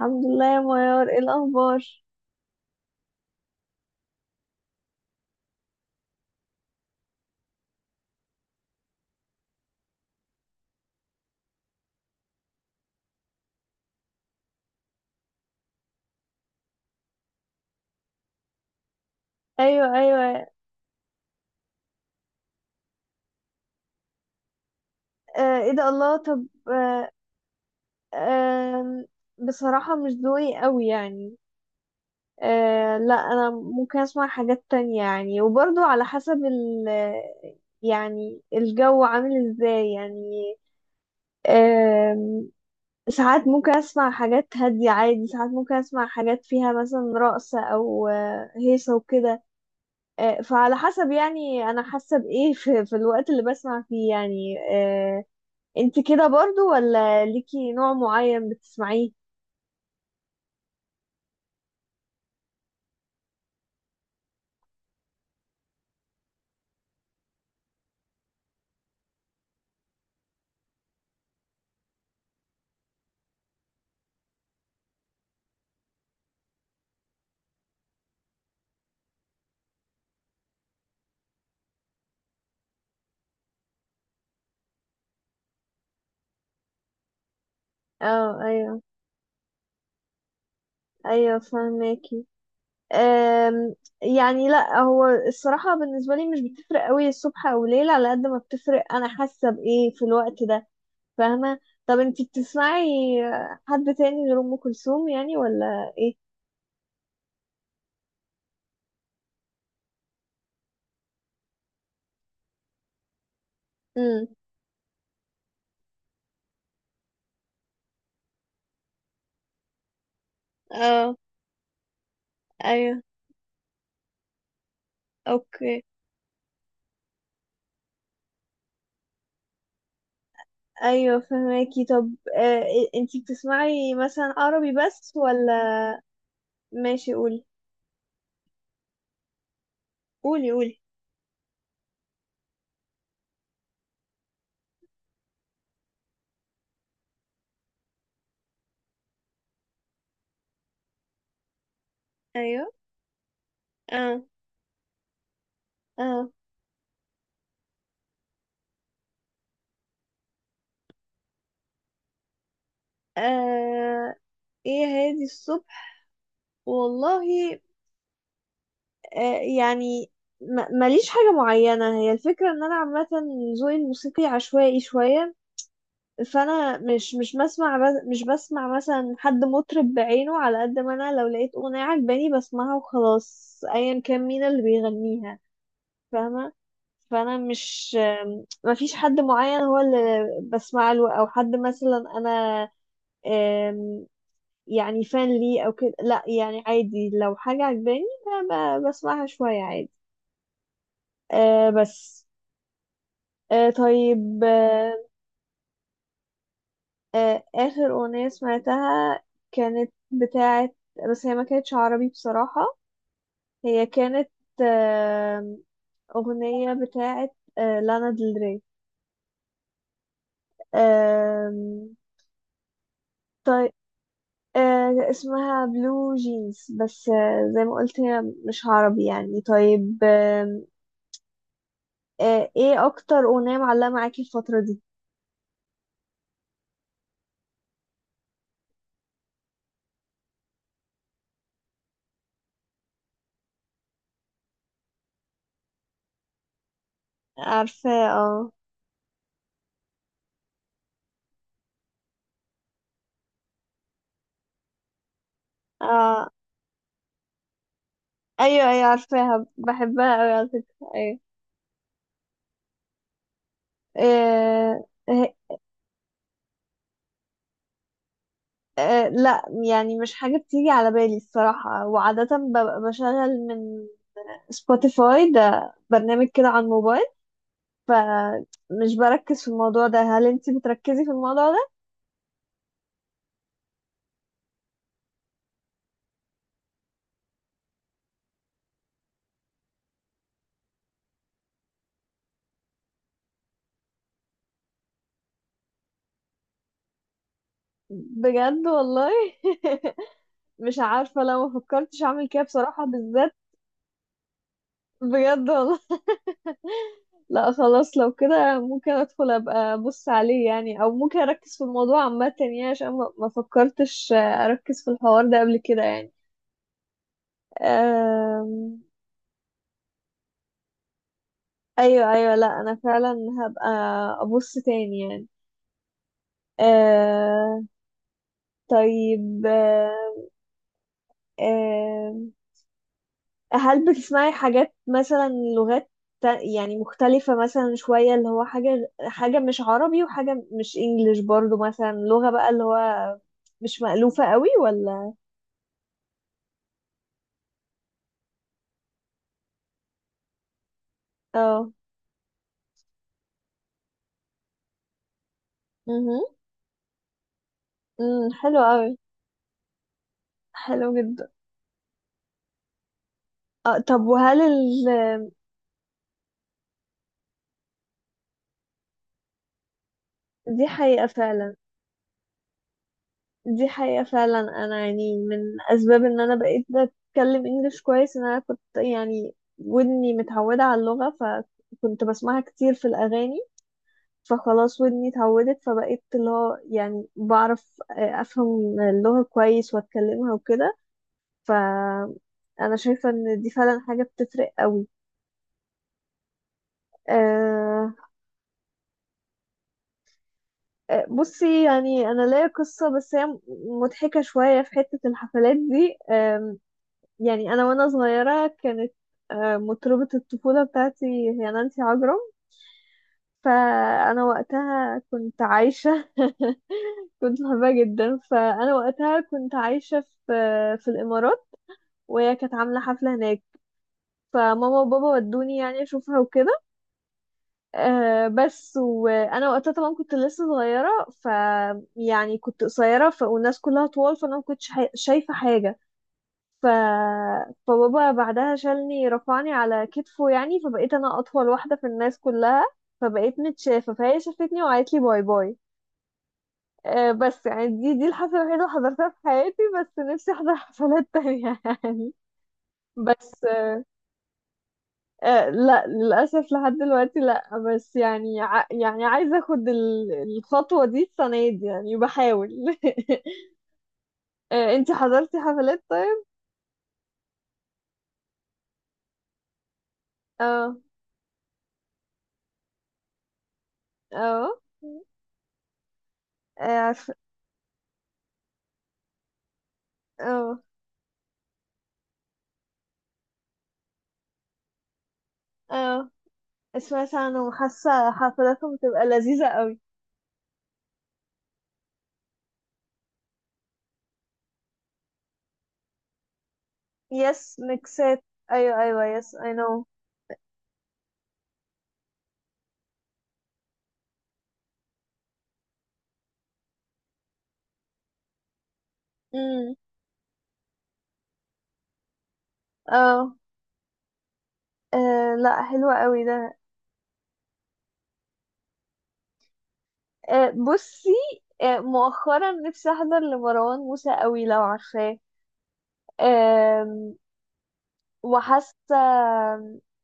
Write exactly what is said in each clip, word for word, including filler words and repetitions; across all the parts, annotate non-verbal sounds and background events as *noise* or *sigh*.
الحمد لله يا ميار، ايه الاخبار؟ ايوه ايوه. آه ايه ده، الله. طب آه. آه بصراحه مش ذوقي قوي يعني. آه لا، انا ممكن اسمع حاجات تانية يعني، وبرضو على حسب ال، يعني الجو عامل ازاي يعني. آه. ساعات ممكن اسمع حاجات هاديه عادي، ساعات ممكن اسمع حاجات فيها مثلا رقص او آه، هيصه وكده. آه، فعلى حسب يعني انا حاسه بايه *laughs* في, في الوقت اللي بسمع فيه يعني. آه، انت كده برضو، ولا ليكي نوع معين بتسمعيه؟ اه ايوه ايوه فهماكي. آم، يعني لا، هو الصراحه بالنسبه لي مش بتفرق قوي الصبح او ليل، على قد ما بتفرق انا حاسه بايه في الوقت ده. فاهمه. طب انت بتسمعي حد تاني غير ام كلثوم يعني، ولا ايه؟ امم. اه ايوه. اوكي. ايوه فهماكي. طب آه، انتي بتسمعي مثلا عربي بس ولا؟ ماشي قولي. قولي قولي. ايوه. اه اه. آه. ايه هادي الصبح؟ والله آه يعني، ما- ماليش حاجة معينة، هي الفكرة ان انا عامة ذوقي الموسيقي عشوائي شوية. فانا مش مش بسمع بس مش بسمع مثلا حد مطرب بعينه، على قد ما انا لو لقيت اغنية عجباني بسمعها وخلاص، ايا كان مين اللي بيغنيها. فاهمة. فانا مش، ما فيش حد معين هو اللي بسمع له، او حد مثلا انا آم، يعني فان ليه او كده. لا يعني عادي لو حاجة عجباني ب- ب- بسمعها شوية عادي. آه بس. آه طيب. آه، آه آخر أغنية سمعتها كانت بتاعة، بس هي ما كانتش عربي بصراحة. هي كانت آم، أغنية بتاعة آه لانا ديل ري. آم، آه، اسمها بلو جينز. بس آه، زي ما قلت هي مش عربي يعني. طيب آم، آه، ايه اكتر اغنية معلقة معاكي الفترة دي؟ عارفة. اه اه ايوه ايوه عارفاها، بحبها قوي على فكرة، ايوه. آه، آه، آه، لا يعني مش حاجة بتيجي على بالي الصراحة. وعادة ببقى بشغل من سبوتيفاي، ده برنامج كده على الموبايل، فمش بركز في الموضوع ده. هل انتي بتركزي في الموضوع ده؟ بجد والله. *laughs* مش عارفة، لو ما فكرتش اعمل كده بصراحة، بالذات. بجد والله. *laughs* لا خلاص لو كده ممكن ادخل ابقى ابص عليه يعني، او ممكن اركز في الموضوع عامة يعني، عشان ما ما فكرتش اركز في الحوار ده قبل كده يعني. أم. ايوه ايوه، لا انا فعلا هبقى ابص تاني يعني. أه. طيب. أه، هل بتسمعي حاجات مثلا لغات تا- يعني مختلفة مثلا شوية، اللي هو حاجة حاجة مش عربي وحاجة مش انجليش برضو، مثلا لغة بقى اللي هو مش مألوفة قوي، ولا؟ اه. مهم. امم حلو قوي. حلو جدا. اه طب وهل ال. دي حقيقة فعلا. دي حقيقة فعلا، انا يعني من اسباب ان انا بقيت بتكلم انجليش كويس ان انا كنت يعني ودني متعودة على اللغة، فكنت بسمعها كتير في الاغاني، فخلاص ودني اتعودت، فبقيت اللي هو يعني بعرف آه، افهم اللغة كويس واتكلمها وكده. ف انا شايفة ان دي فعلا حاجة بتفرق قوي. أه. آه، بصي يعني انا ليا قصة، بس هي م- مضحكة شوية في حتة الحفلات دي. آم، يعني انا وانا صغيرة كانت آه، مطربة الطفولة بتاعتي هي نانسي عجرم. فانا وقتها كنت عايشه، *laughs* كنت بحبها جدا. فانا وقتها كنت عايشه في في الامارات، وهي كانت عامله حفله هناك. فماما وبابا ودوني يعني اشوفها وكده. أه بس وانا وقتها طبعا كنت لسه صغيره، ف يعني كنت قصيره ف، والناس كلها طوال، فانا ما كنتش حي، شايفه حاجه ف. فبابا بعدها شالني رفعني على كتفه يعني، فبقيت انا اطول واحده في الناس كلها، فبقيت متشافه، فهي شافتني وقالت لي باي باي. آه، بس يعني دي دي الحفلة الوحيدة اللي حضرتها في حياتي. بس نفسي أحضر *laughs* حفلات تانية يعني. بس آه، لا للأسف لحد دلوقتي لا، بس يعني ع- يعني عايزة أخد ال- الخطوة دي السنة دي، يعني بحاول. *laughs* آه، انتي حضرتي حفلات طيب؟ اه اه. آه، عارفة. اه اه سمعت عنهم، حاسة حفلاتهم بتبقى لذيذة قوي. يس ميكسات. ايوه ايوه يس اي نو. امم. اه آه، لا حلوة قوي ده. آه، بصي آه، مؤخرا نفسي احضر لمروان موسى قوي، لو عارفاه. آم، وحاسه،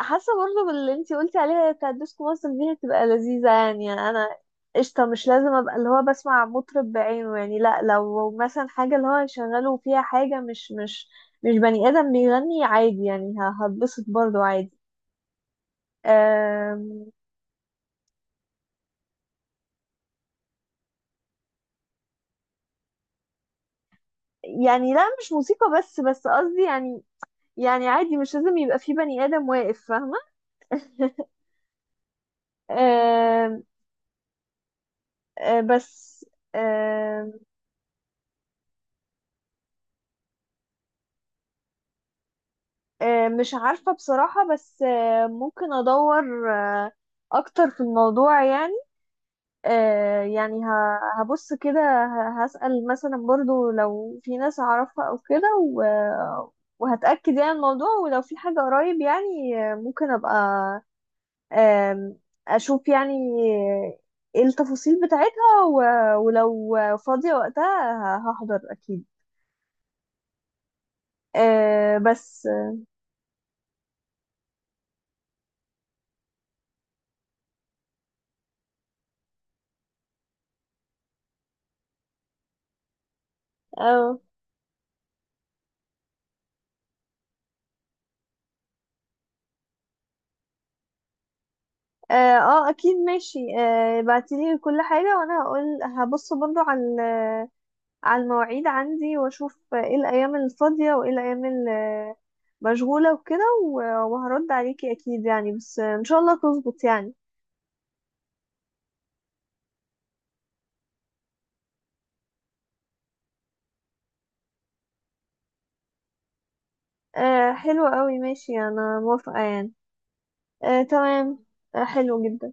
حاسه برضه باللي انتي قلتي عليها بتاعت ديسكو مصر دي، هتبقى لذيذه يعني. انا قشطه، مش لازم ابقى اللي هو بسمع مطرب بعينه يعني، لا، لو مثلا حاجه اللي هو يشغله فيها حاجه مش مش مش بني ادم بيغني عادي يعني، ه- هتبسط برضه عادي. آم، يعني لا مش موسيقى بس، بس قصدي يعني، يعني عادي مش لازم يبقى في بني آدم واقف، فاهمة؟ *laughs* آم، آه، بس آم، آه، مش عارفة بصراحة، بس آه، ممكن أدور آه، أكتر في الموضوع يعني. آه، يعني ه- هبص كده، ه- هسأل مثلا برضو لو في ناس أعرفها أو كده، و- وهتأكد يعني الموضوع، ولو في حاجة قريب يعني آه، ممكن أبقى آم، أشوف يعني آه، إيه التفاصيل بتاعتها، و- ولو فاضية وقتها ه- هحضر أكيد. آه بس. اه اه آه، اكيد ماشي، آه بعتيلي كل حاجة وانا هقول، هبص برضو على ال- على المواعيد عندي واشوف ايه الايام الفاضية وايه الايام ال- مشغولة وكده، و- وهرد عليكي اكيد يعني، بس ان شاء الله تظبط يعني. آه حلو قوي، ماشي انا موافقة يعني. آه تمام. آه حلو جدا.